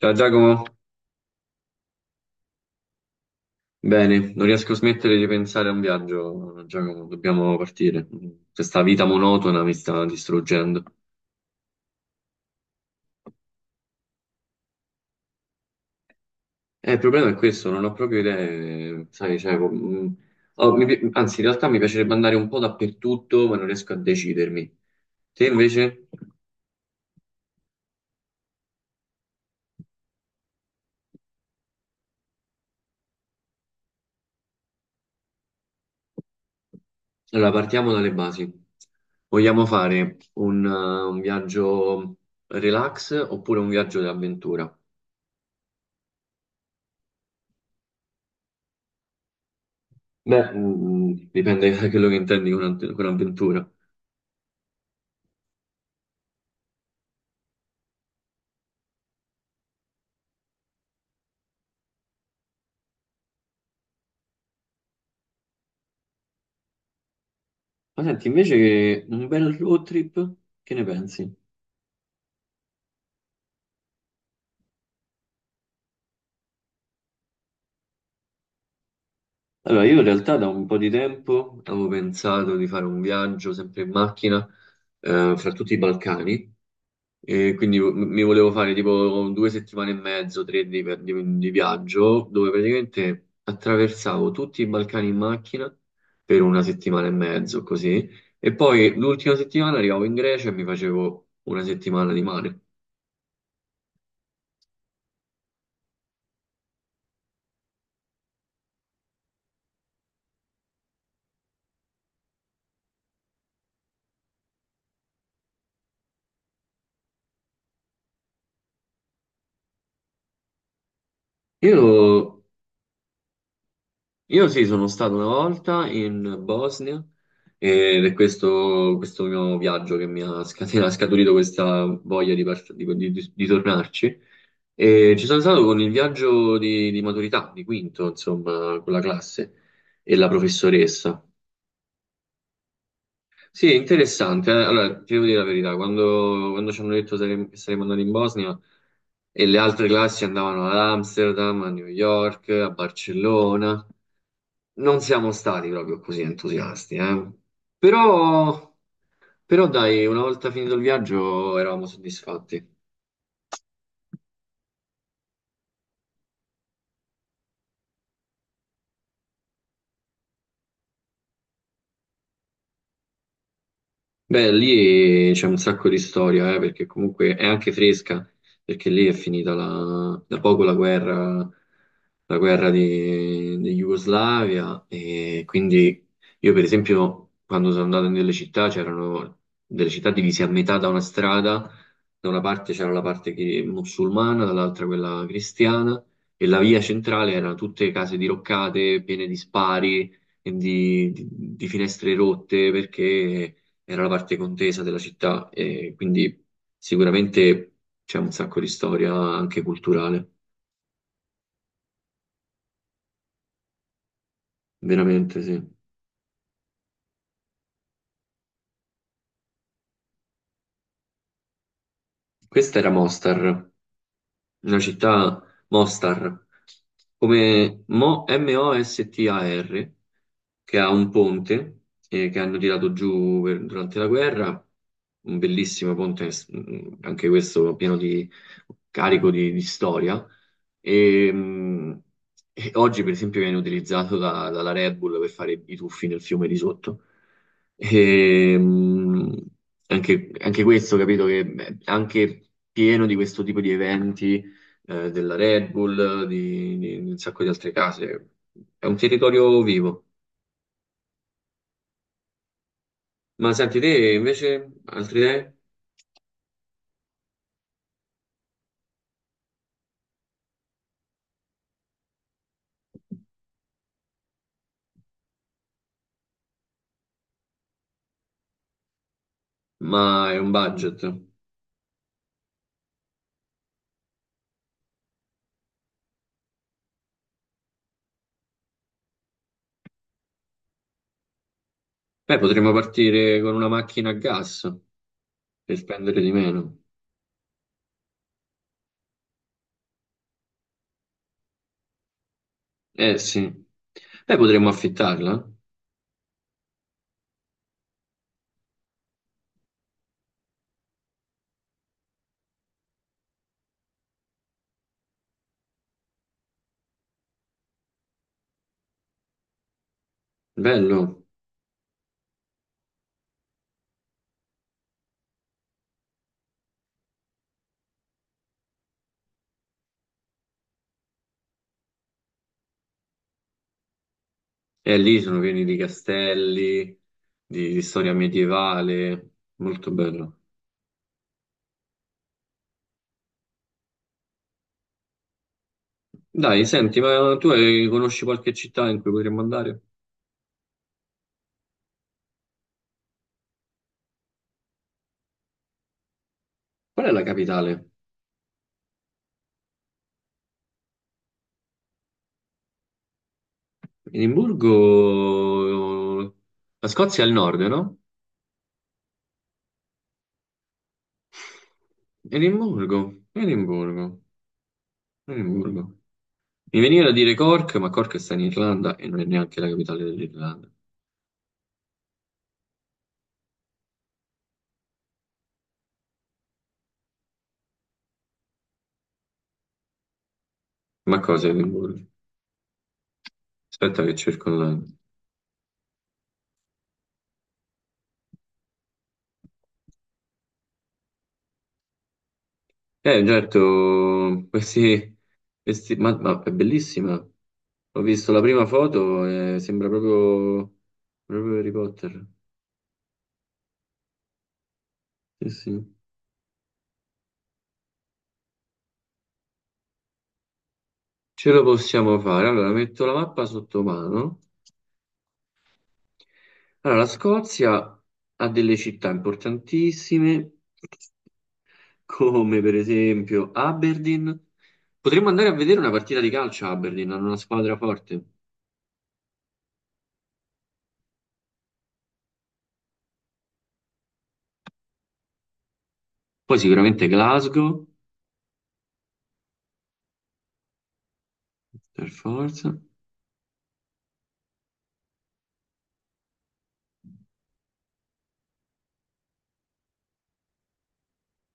Ciao Giacomo, bene, non riesco a smettere di pensare a un viaggio, Giacomo, dobbiamo partire. Questa vita monotona mi sta distruggendo. Il problema è questo, non ho proprio idee, sai, cioè, oh, anzi, in realtà mi piacerebbe andare un po' dappertutto, ma non riesco a decidermi. Te invece? Allora, partiamo dalle basi. Vogliamo fare un viaggio relax oppure un viaggio d'avventura? Beh, dipende da quello che intendi con avventura. Ma senti, invece che un bel road trip, che ne pensi? Allora, io in realtà da un po' di tempo avevo pensato di fare un viaggio sempre in macchina fra tutti i Balcani e quindi mi volevo fare tipo due settimane e mezzo, tre di viaggio dove praticamente attraversavo tutti i Balcani in macchina per una settimana e mezzo così e poi l'ultima settimana arrivavo in Grecia e mi facevo una settimana di mare. Io Io sì, sono stato una volta in Bosnia ed è questo mio viaggio che mi ha ha scaturito questa voglia di, part- di tornarci. E ci sono stato con il viaggio di maturità, di quinto, insomma, con la classe e la professoressa. Sì, è interessante. Allora, ti devo dire la verità, quando ci hanno detto che saremmo andati in Bosnia e le altre classi andavano ad Amsterdam, a New York, a Barcellona. Non siamo stati proprio così entusiasti, eh. Però, dai, una volta finito il viaggio eravamo soddisfatti. Beh, lì c'è un sacco di storia, perché comunque è anche fresca, perché lì è finita da poco la guerra di Jugoslavia e quindi io per esempio quando sono andato nelle città c'erano delle città divise a metà da una strada, da una parte c'era la parte musulmana, dall'altra quella cristiana e la via centrale erano tutte case diroccate, piene di spari e di finestre rotte perché era la parte contesa della città e quindi sicuramente c'è un sacco di storia anche culturale. Veramente sì. Questa era Mostar, una città Mostar, come M-O-S-T-A-R, che ha un ponte che hanno tirato giù durante la guerra, un bellissimo ponte, anche questo pieno di carico di storia. E, mh, e oggi, per esempio, viene utilizzato dalla Red Bull per fare i tuffi nel fiume di sotto. E, anche questo, capito, che beh, anche pieno di questo tipo di eventi della Red Bull, di un sacco di altre case. È un territorio vivo. Ma senti, te invece, altre idee? Ma è un budget. Beh, potremmo partire con una macchina a gas per spendere di meno. Eh sì, beh potremmo affittarla, bello, e lì sono pieni di castelli, di storia medievale, molto bello. Dai, senti, ma tu conosci qualche città in cui potremmo andare? Qual è la capitale? Edimburgo, la Scozia è al nord, no? Edimburgo, Edimburgo, Edimburgo. Mi veniva da dire Cork, ma Cork sta in Irlanda e non è neanche la capitale dell'Irlanda. Ma cosa è Edimburgo? Aspetta che cerco online. Certo, ma, è bellissima. Ho visto la prima foto e sembra proprio, proprio Harry Potter. Sì, sì. Ce lo possiamo fare. Allora, metto la mappa sotto mano. Allora, la Scozia ha delle città importantissime, come per esempio Aberdeen. Potremmo andare a vedere una partita di calcio a Aberdeen, hanno una squadra forte. Poi sicuramente Glasgow, per forza.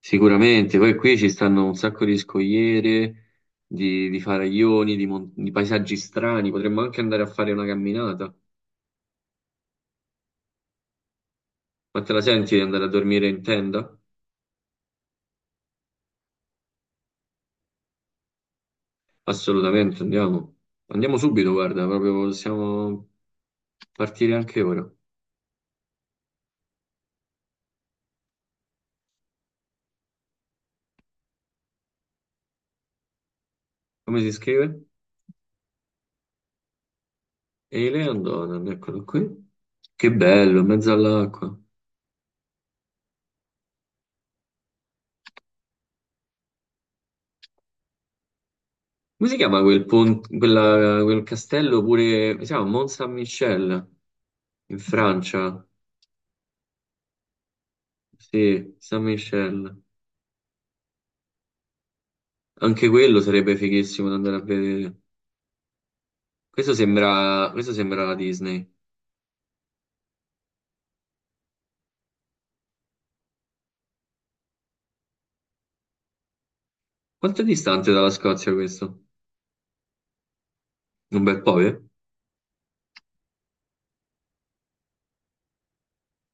Sicuramente, poi qui ci stanno un sacco di scogliere, di faraglioni, di paesaggi strani, potremmo anche andare a fare una camminata. Ma te la senti di andare a dormire in tenda? Assolutamente, andiamo. Andiamo subito, guarda, proprio possiamo partire anche ora. Come si scrive? Eile Andonan, eccolo qui. Che bello, in mezzo all'acqua. Come si chiama quel castello pure, si chiama Mont Saint-Michel, in Francia? Sì, San Michel. Anche quello sarebbe fighissimo da andare a vedere. Questo sembra la Disney. Quanto è distante dalla Scozia questo? Un bel po', eh?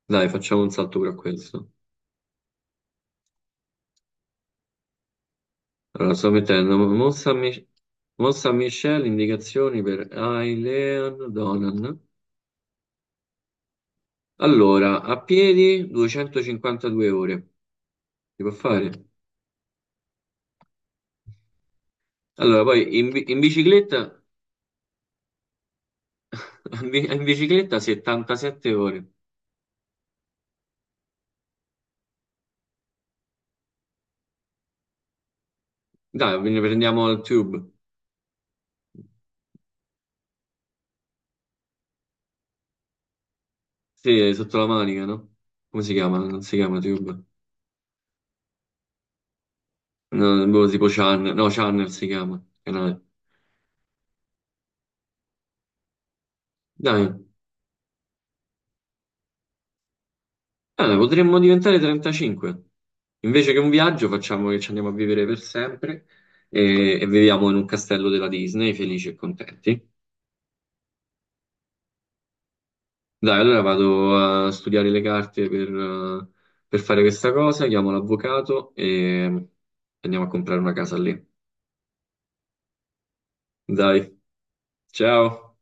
Dai, facciamo un salto per questo. Allora, sto mettendo Mont Saint Michel, indicazioni per Ailean Donan. Allora, a piedi 252 ore. Si può fare? Allora, poi in bicicletta, in bicicletta 77 ore. Dai, quindi prendiamo il tube. Sì, sotto la manica, no? Come si chiama? Non si chiama Tube. No, boh, tipo Channel. No, Channel si chiama. Canale. Dai, potremmo diventare 35. Invece che un viaggio, facciamo che ci andiamo a vivere per sempre e viviamo in un castello della Disney, felici e contenti. Dai, allora vado a studiare le carte per fare questa cosa, chiamo l'avvocato e andiamo a comprare una casa lì. Dai, ciao!